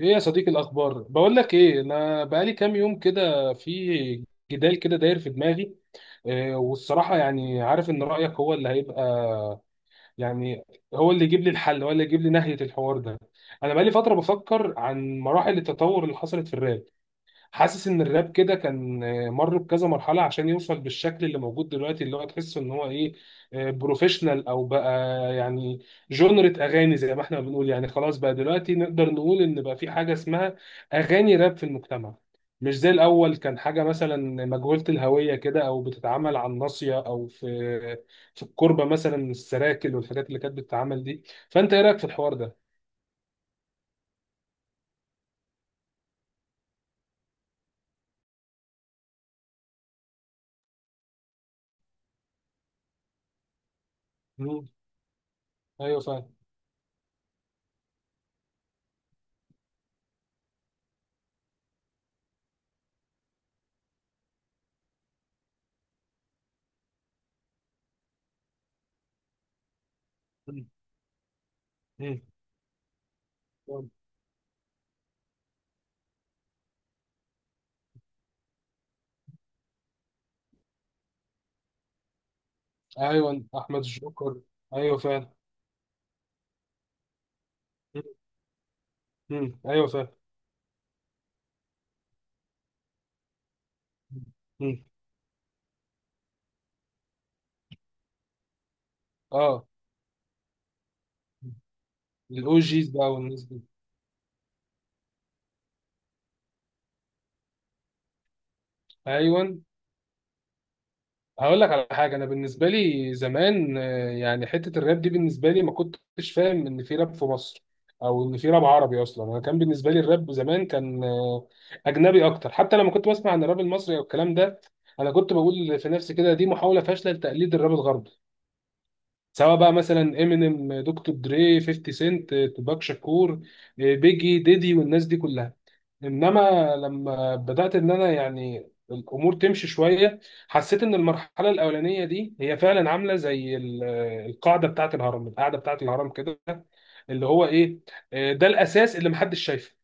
ايه يا صديقي، الاخبار؟ بقول لك ايه، انا بقالي كام يوم كده في جدال كده داير في دماغي. إيه، والصراحه يعني عارف ان رايك هو اللي هيبقى، يعني هو اللي يجيب لي الحل، هو اللي يجيب لي نهايه الحوار ده. انا بقالي فتره بفكر عن مراحل التطور اللي حصلت في الراب. حاسس ان الراب كده كان مر بكذا مرحله عشان يوصل بالشكل اللي موجود دلوقتي، اللي هو تحسه ان هو ايه، بروفيشنال او بقى يعني جونرة اغاني زي ما احنا بنقول. يعني خلاص بقى دلوقتي نقدر نقول ان بقى في حاجه اسمها اغاني راب في المجتمع، مش زي الاول كان حاجه مثلا مجهوله الهويه كده، او بتتعمل على الناصيه او في الكوربه مثلا، السراكل والحاجات اللي كانت بتتعمل دي. فانت ايه رايك في الحوار ده؟ مم. ايوه فاهم. مم. مم. ايوه، احمد الجوكر. ايوه فعلا. مم. مم. ايوه فعلا. مم. اه. الاو جيز بقى والناس دي. ايوه. هقول لك على حاجه، انا بالنسبه لي زمان يعني حته الراب دي بالنسبه لي ما كنتش فاهم ان في راب في مصر، او ان في راب عربي اصلا. انا كان بالنسبه لي الراب زمان كان اجنبي اكتر. حتى لما كنت بسمع عن الراب المصري او الكلام ده، انا كنت بقول في نفسي كده دي محاوله فاشله لتقليد الراب الغربي، سواء بقى مثلا امينيم، دكتور دري، 50 سنت، توباك شاكور، بيجي ديدي والناس دي كلها. انما لما بدات ان انا يعني الامور تمشي شويه، حسيت ان المرحله الاولانيه دي هي فعلا عامله زي القاعده بتاعه الهرم، القاعده بتاعه الهرم كده، اللي هو ايه، ده الاساس اللي محدش شايفه،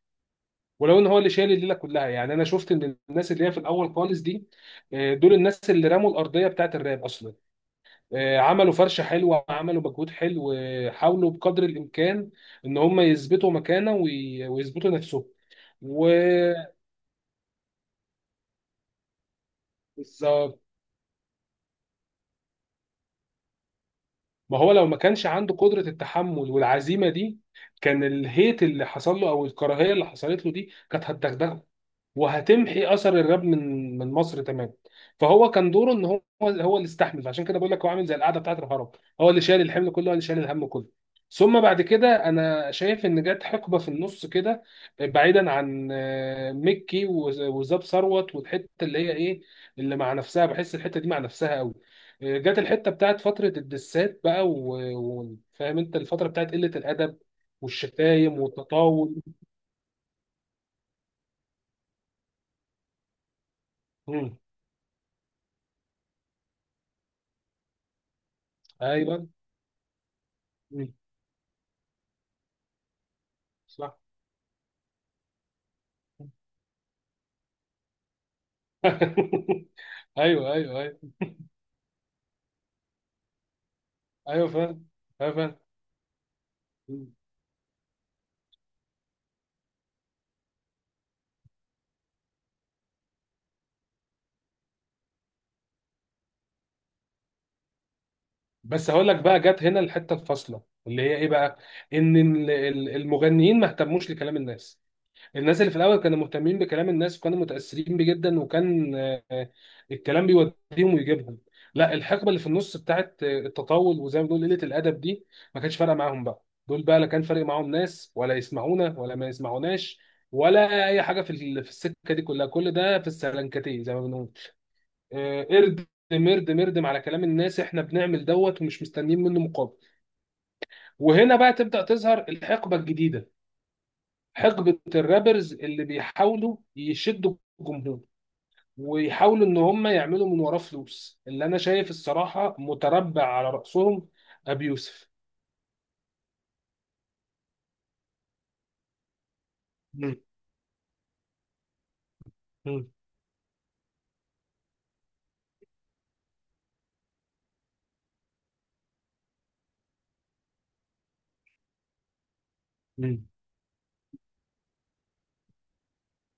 ولو ان هو اللي شايل الليله كلها. يعني انا شفت ان الناس اللي هي في الاول خالص دي، دول الناس اللي رموا الارضيه بتاعه الراب اصلا. عملوا فرشة حلوة، عملوا مجهود حلو، حاولوا بقدر الإمكان إن هم يثبتوا مكانة ويثبتوا نفسهم. وبالظبط. ما هو لو ما كانش عنده قدرة التحمل والعزيمة دي، كان الهيت اللي حصل له أو الكراهية اللي حصلت له دي كانت هتدغدغه وهتمحي اثر الراب من مصر تماما. فهو كان دوره ان هو اللي استحمل. عشان كده بقول لك هو عامل زي القعده بتاعت الهرم، هو اللي شايل الحمل كله، هو اللي شايل الهم كله. ثم بعد كده انا شايف ان جت حقبه في النص كده، بعيدا عن مكي وزاب ثروت والحته اللي هي ايه، اللي مع نفسها، بحس الحته دي مع نفسها قوي. جت الحته بتاعت فتره الدسات بقى. وفاهم انت الفتره بتاعت قله الادب والشتايم والتطاول. مم. ايوه. مم. صح. ايوه ايوه ايوه. ايوه فاهم. أيوة فاهم. بس هقول لك بقى، جت هنا الحته الفاصله اللي هي ايه بقى، ان المغنيين ما اهتموش لكلام الناس. الناس اللي في الاول كانوا مهتمين بكلام الناس وكانوا متاثرين بيه جدا، وكان الكلام بيوديهم ويجيبهم. لا، الحقبه اللي في النص بتاعت التطول وزي ما بنقول قله الادب دي ما كانش فارقه معاهم بقى. دول بقى لا كان فارق معاهم ناس ولا يسمعونا ولا ما يسمعوناش، ولا اي حاجه في في السكه دي كلها. كل ده في السلنكتيه زي ما بنقول، اردم اردم اردم على كلام الناس، احنا بنعمل دوت ومش مستنيين منه مقابل. وهنا بقى تبدأ تظهر الحقبة الجديدة، حقبة الرابرز اللي بيحاولوا يشدوا الجمهور، ويحاولوا ان هم يعملوا من وراه فلوس، اللي انا شايف الصراحة متربع على رأسهم ابي يوسف. مم. مم.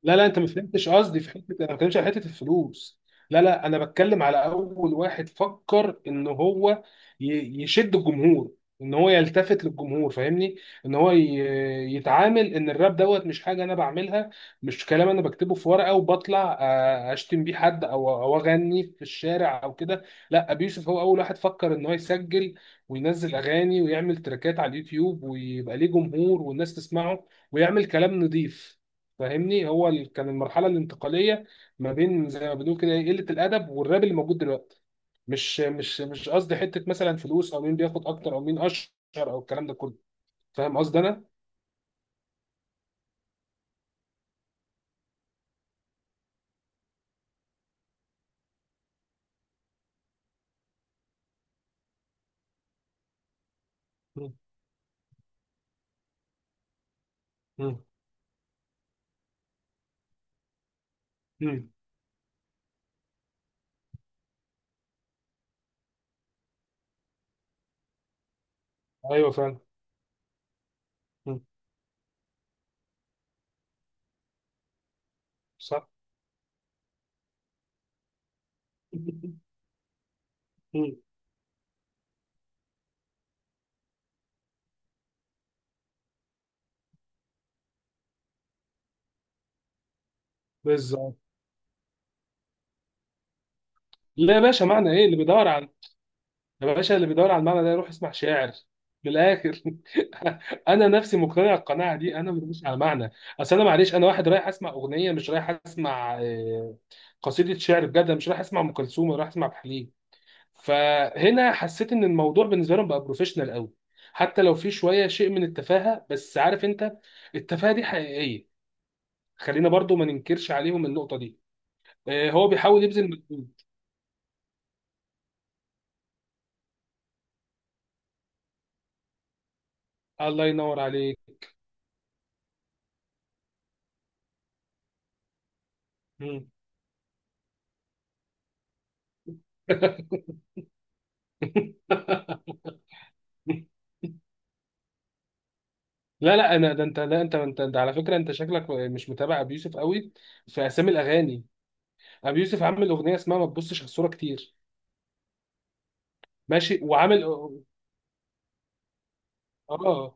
لا لا، انت ما فهمتش قصدي في حته. انا ما بتكلمش على حته الفلوس. لا لا، انا بتكلم على اول واحد فكر ان هو يشد الجمهور، ان هو يلتفت للجمهور، فاهمني، ان هو يتعامل ان الراب دوت مش حاجه انا بعملها، مش كلام انا بكتبه في ورقه وبطلع اشتم بيه حد او اغني في الشارع او كده. لا، ابي يوسف هو اول واحد فكر ان هو يسجل وينزل اغاني ويعمل تراكات على اليوتيوب ويبقى ليه جمهور والناس تسمعه ويعمل كلام نضيف. فاهمني، هو كان المرحله الانتقاليه ما بين زي ما بنقول كده إيه، قله الادب والراب اللي موجود دلوقتي. مش قصدي حته مثلا فلوس، او مين بياخد اكتر او مين اشهر، او الكلام ده كله. فاهم قصدي انا. مم. مم. مم. ايوه فاهم. مم. صح. مم. بالظبط. لا يا باشا، معنى ايه اللي بيدور على، يا باشا اللي بيدور على المعنى ده يروح يسمع شاعر. من الاخر. انا نفسي مقتنع القناعه دي، انا مش على معنى. اصل انا معلش انا واحد رايح اسمع اغنيه، مش رايح اسمع قصيده شعر بجد. أنا مش رايح اسمع ام كلثوم، أنا رايح اسمع عبد الحليم. فهنا حسيت ان الموضوع بالنسبه لهم بقى بروفيشنال قوي، حتى لو في شويه شيء من التفاهه، بس عارف انت، التفاهه دي حقيقيه، خلينا برضو ما ننكرش عليهم النقطه دي. هو بيحاول يبذل مجهود. الله ينور عليك. مم. لا لا، انا ده انت. لا انت ده على فكره، انت شكلك مش متابع ابي يوسف قوي في اسامي الاغاني. ابي يوسف عامل اغنيه اسمها ما تبصش على الصوره كتير. ماشي وعامل. اه.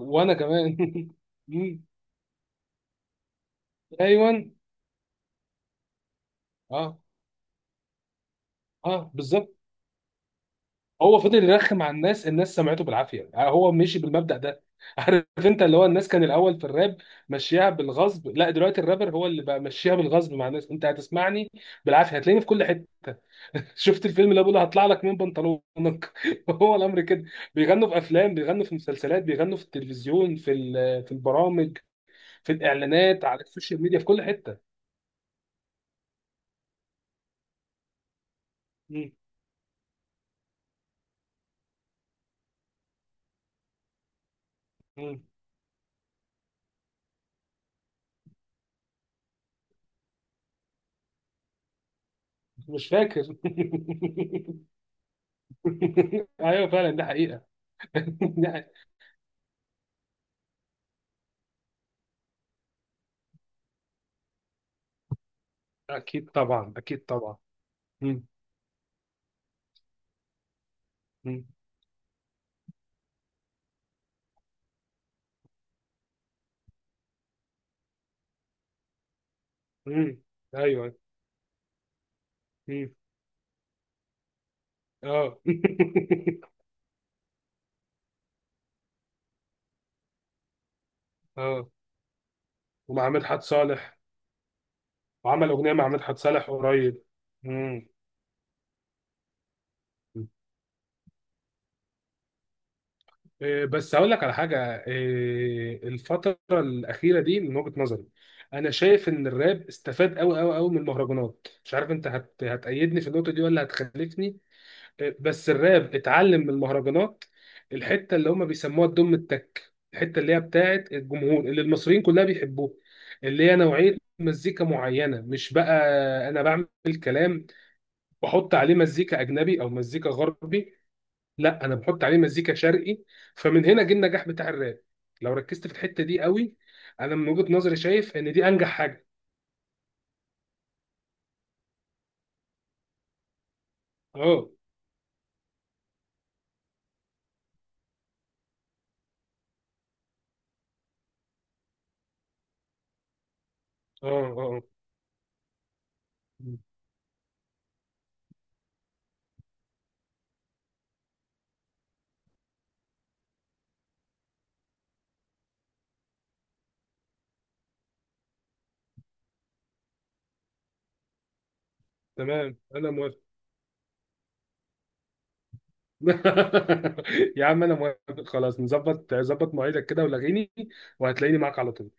وانا كمان. مم. ايوه. اه. اه بالظبط. هو فضل يرخم على الناس، الناس سمعته بالعافيه. يعني هو مشي بالمبدأ ده. عارف انت اللي هو الناس كان الاول في الراب مشيها بالغصب. لا دلوقتي الرابر هو اللي بقى مشيها بالغصب مع الناس. انت هتسمعني بالعافيه، هتلاقيني في كل حته. شفت الفيلم اللي بقوله هطلع لك من بنطلونك؟ هو الامر كده. بيغنوا في افلام، بيغنوا في مسلسلات، بيغنوا في التلفزيون، في في البرامج، في الاعلانات، على السوشيال ميديا، في كل حته. م- م- مش فاكر. ايوه فعلا دي حقيقه. دي اكيد طبعا، اكيد طبعا. مم. مم. مم. ايوه. مم. اه. اه. ومع مدحت صالح. وعمل اغنيه مع مدحت صالح قريب. مم. إيه، بس هقول لك على حاجه. إيه، الفتره الاخيره دي من وجهه نظري، انا شايف ان الراب استفاد قوي قوي قوي من المهرجانات. مش عارف انت هتأيدني في النقطه دي ولا هتخالفني، بس الراب اتعلم من المهرجانات. الحته اللي هم بيسموها الدم التك، الحته اللي هي بتاعت الجمهور اللي المصريين كلها بيحبوها، اللي هي نوعيه مزيكا معينه. مش بقى انا بعمل كلام بحط عليه مزيكا اجنبي او مزيكا غربي، لا انا بحط عليه مزيكا شرقي. فمن هنا جه النجاح بتاع الراب. لو ركزت في الحته دي قوي، انا من وجهه نظري شايف ان دي انجح حاجه. اه. اه. اه. آه. تمام انا موافق. يا عم انا موافق، خلاص نظبط، ظبط مواعيدك كده ولغيني وهتلاقيني معاك على طول.